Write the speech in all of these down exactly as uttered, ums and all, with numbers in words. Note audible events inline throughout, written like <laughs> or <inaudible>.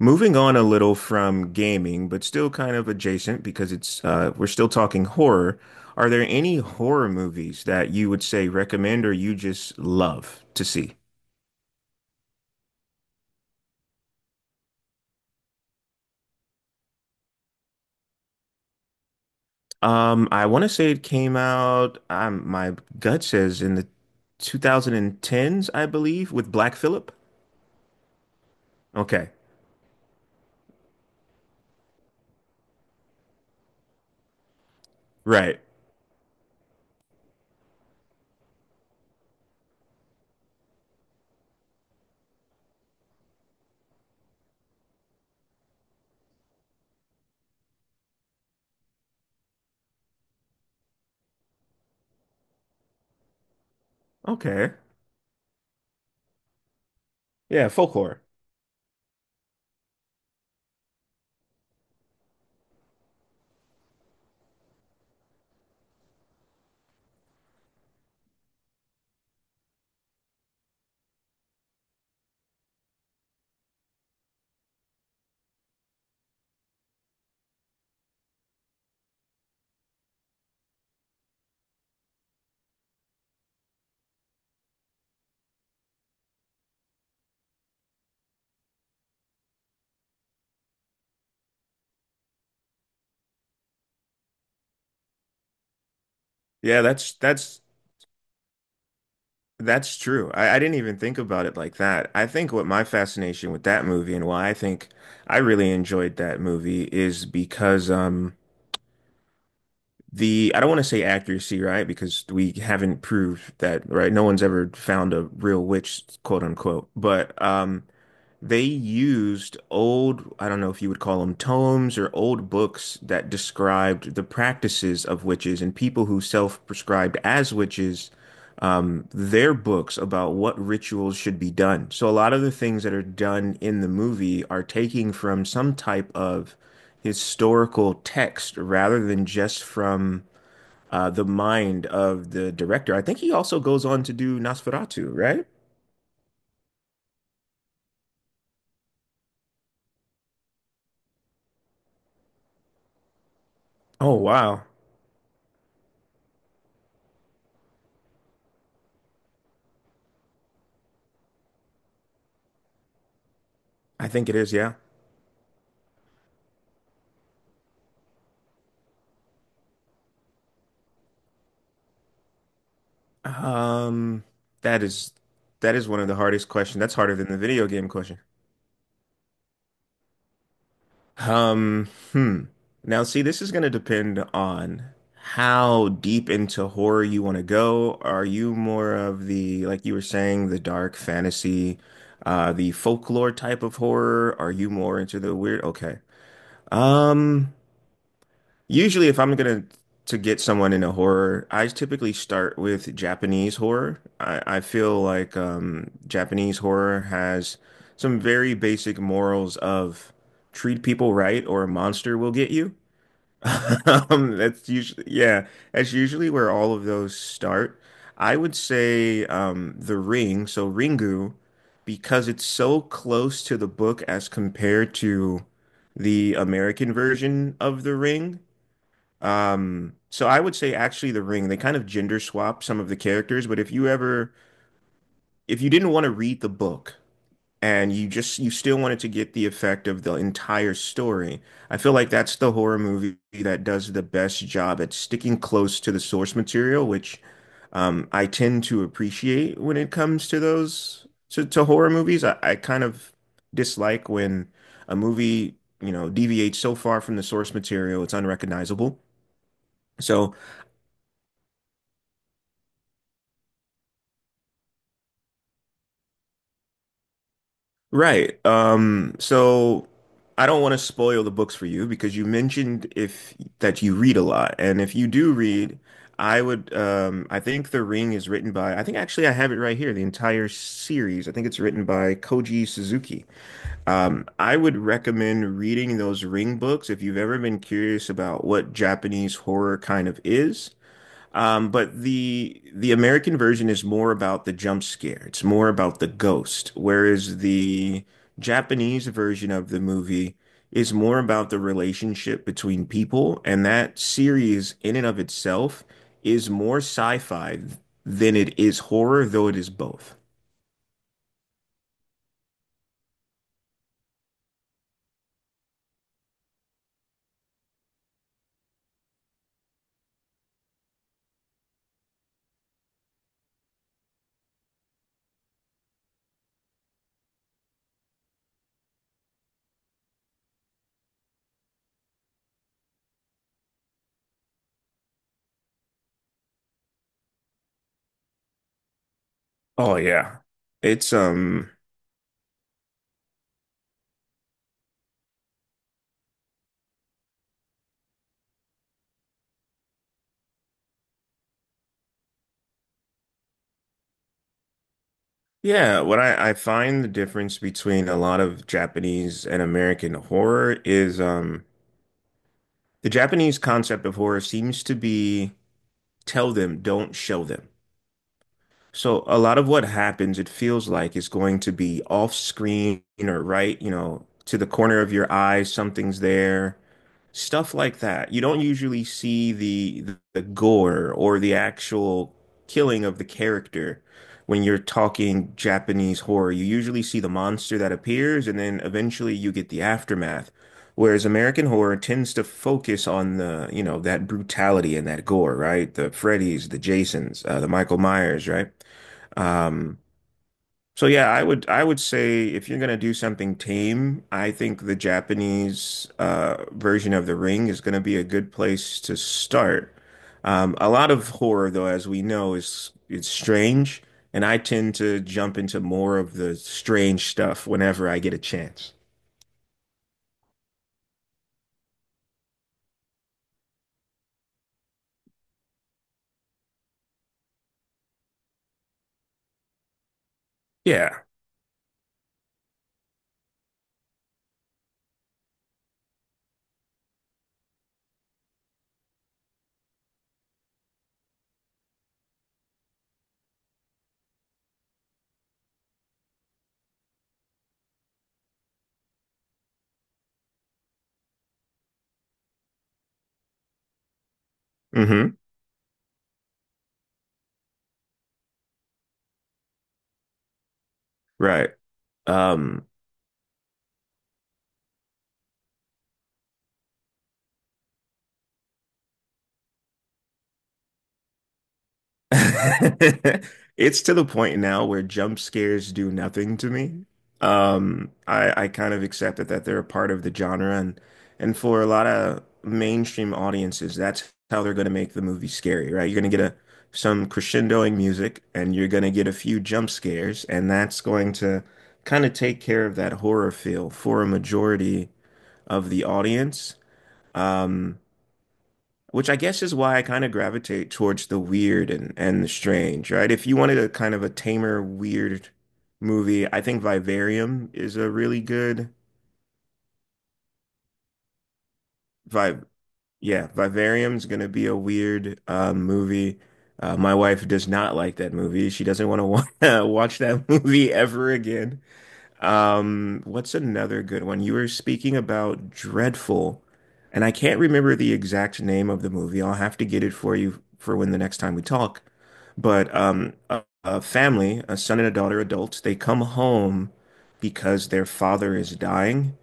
Moving on a little from gaming, but still kind of adjacent because it's uh, we're still talking horror. Are there any horror movies that you would say recommend or you just love to see? Um, I want to say it came out, um, my gut says in the twenty tens, I believe, with Black Phillip. Okay, right. Okay. Yeah, folk horror. Yeah, that's that's That's true. I, I didn't even think about it like that. I think what my fascination with that movie and why I think I really enjoyed that movie is because um the I don't want to say accuracy, right? Because we haven't proved that, right? No one's ever found a real witch, quote unquote. But um they used old, I don't know if you would call them tomes or old books that described the practices of witches and people who self-prescribed as witches, um, their books about what rituals should be done. So a lot of the things that are done in the movie are taking from some type of historical text rather than just from uh, the mind of the director. I think he also goes on to do Nosferatu, right? Oh, wow. I think it is, yeah. Um, that is that is one of the hardest questions. That's harder than the video game question. Um, hmm. Now, see, this is going to depend on how deep into horror you want to go. Are you more of the, like you were saying, the dark fantasy, uh, the folklore type of horror? Are you more into the weird? Okay. Um, Usually, if I'm gonna to get someone into horror, I typically start with Japanese horror. I, I feel like um, Japanese horror has some very basic morals of treat people right or a monster will get you. <laughs> Um, that's usually yeah, that's usually where all of those start. I would say um, The Ring, so Ringu, because it's so close to the book as compared to the American version of The Ring. Um, so I would say actually The Ring, they kind of gender swap some of the characters, but if you ever if you didn't want to read the book and you just you still wanted to get the effect of the entire story, I feel like that's the horror movie that does the best job at sticking close to the source material, which um I tend to appreciate when it comes to those to, to horror movies. I, I kind of dislike when a movie, you know, deviates so far from the source material it's unrecognizable. So right. Um, so I don't want to spoil the books for you because you mentioned if that you read a lot. And if you do read, I would um I think The Ring is written by I think actually I have it right here, the entire series. I think it's written by Koji Suzuki. Um, I would recommend reading those Ring books if you've ever been curious about what Japanese horror kind of is. Um, but the the American version is more about the jump scare. It's more about the ghost, whereas the Japanese version of the movie is more about the relationship between people, and that series in and of itself is more sci-fi than it is horror, though it is both. Oh yeah. It's um yeah, what I, I find the difference between a lot of Japanese and American horror is um the Japanese concept of horror seems to be tell them, don't show them. So a lot of what happens, it feels like, is going to be off screen or right, you know, to the corner of your eye, something's there stuff like that. You don't usually see the the gore or the actual killing of the character when you're talking Japanese horror. You usually see the monster that appears and then eventually you get the aftermath. Whereas American horror tends to focus on the, you know, that brutality and that gore, right? The Freddy's, the Jasons, uh, the Michael Myers, right? Um, so yeah, I would I would say if you're gonna do something tame, I think the Japanese uh, version of The Ring is gonna be a good place to start. Um, a lot of horror, though, as we know, is it's strange, and I tend to jump into more of the strange stuff whenever I get a chance. Yeah. Hmm. Right. Um, <laughs> it's to the point now where jump scares do nothing to me. Um, I I kind of accepted that they're a part of the genre, and and for a lot of mainstream audiences, that's how they're going to make the movie scary, right? You're going to get a some crescendoing music, and you're going to get a few jump scares, and that's going to kind of take care of that horror feel for a majority of the audience. Um, which I guess is why I kind of gravitate towards the weird and, and the strange, right? If you wanted a kind of a tamer, weird movie, I think Vivarium is a really good vibe. Yeah, Vivarium's gonna be a weird uh, movie. Uh, my wife does not like that movie. She doesn't want to wa <laughs> watch that movie ever again. Um, what's another good one? You were speaking about Dreadful, and I can't remember the exact name of the movie. I'll have to get it for you for when the next time we talk. But um, a, a family, a son and a daughter, adults, they come home because their father is dying.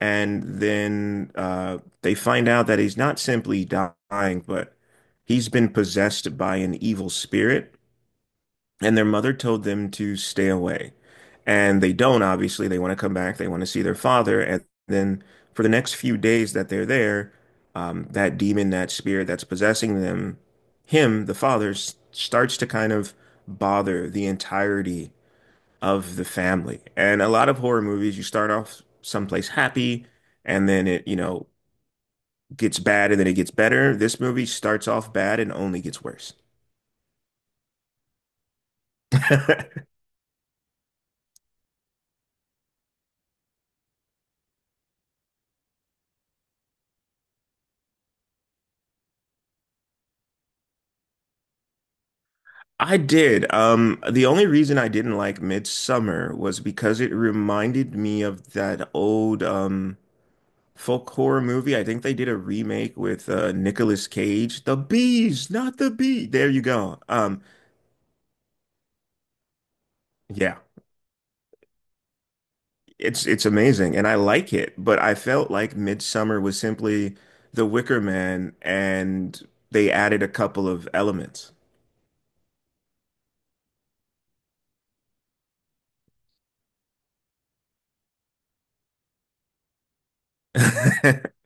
And then uh, they find out that he's not simply dying, but he's been possessed by an evil spirit. And their mother told them to stay away. And they don't, obviously. They want to come back. They want to see their father. And then for the next few days that they're there, um, that demon, that spirit that's possessing them, him, the father, s- starts to kind of bother the entirety of the family. And a lot of horror movies, you start off someplace happy, and then it, you know, gets bad and then it gets better. This movie starts off bad and only gets worse. <laughs> I did. Um, the only reason I didn't like Midsummer was because it reminded me of that old um folk horror movie. I think they did a remake with uh Nicolas Cage. The bees, not the bee. There you go. Um, yeah, it's it's amazing and I like it, but I felt like Midsummer was simply The Wicker Man and they added a couple of elements. <laughs>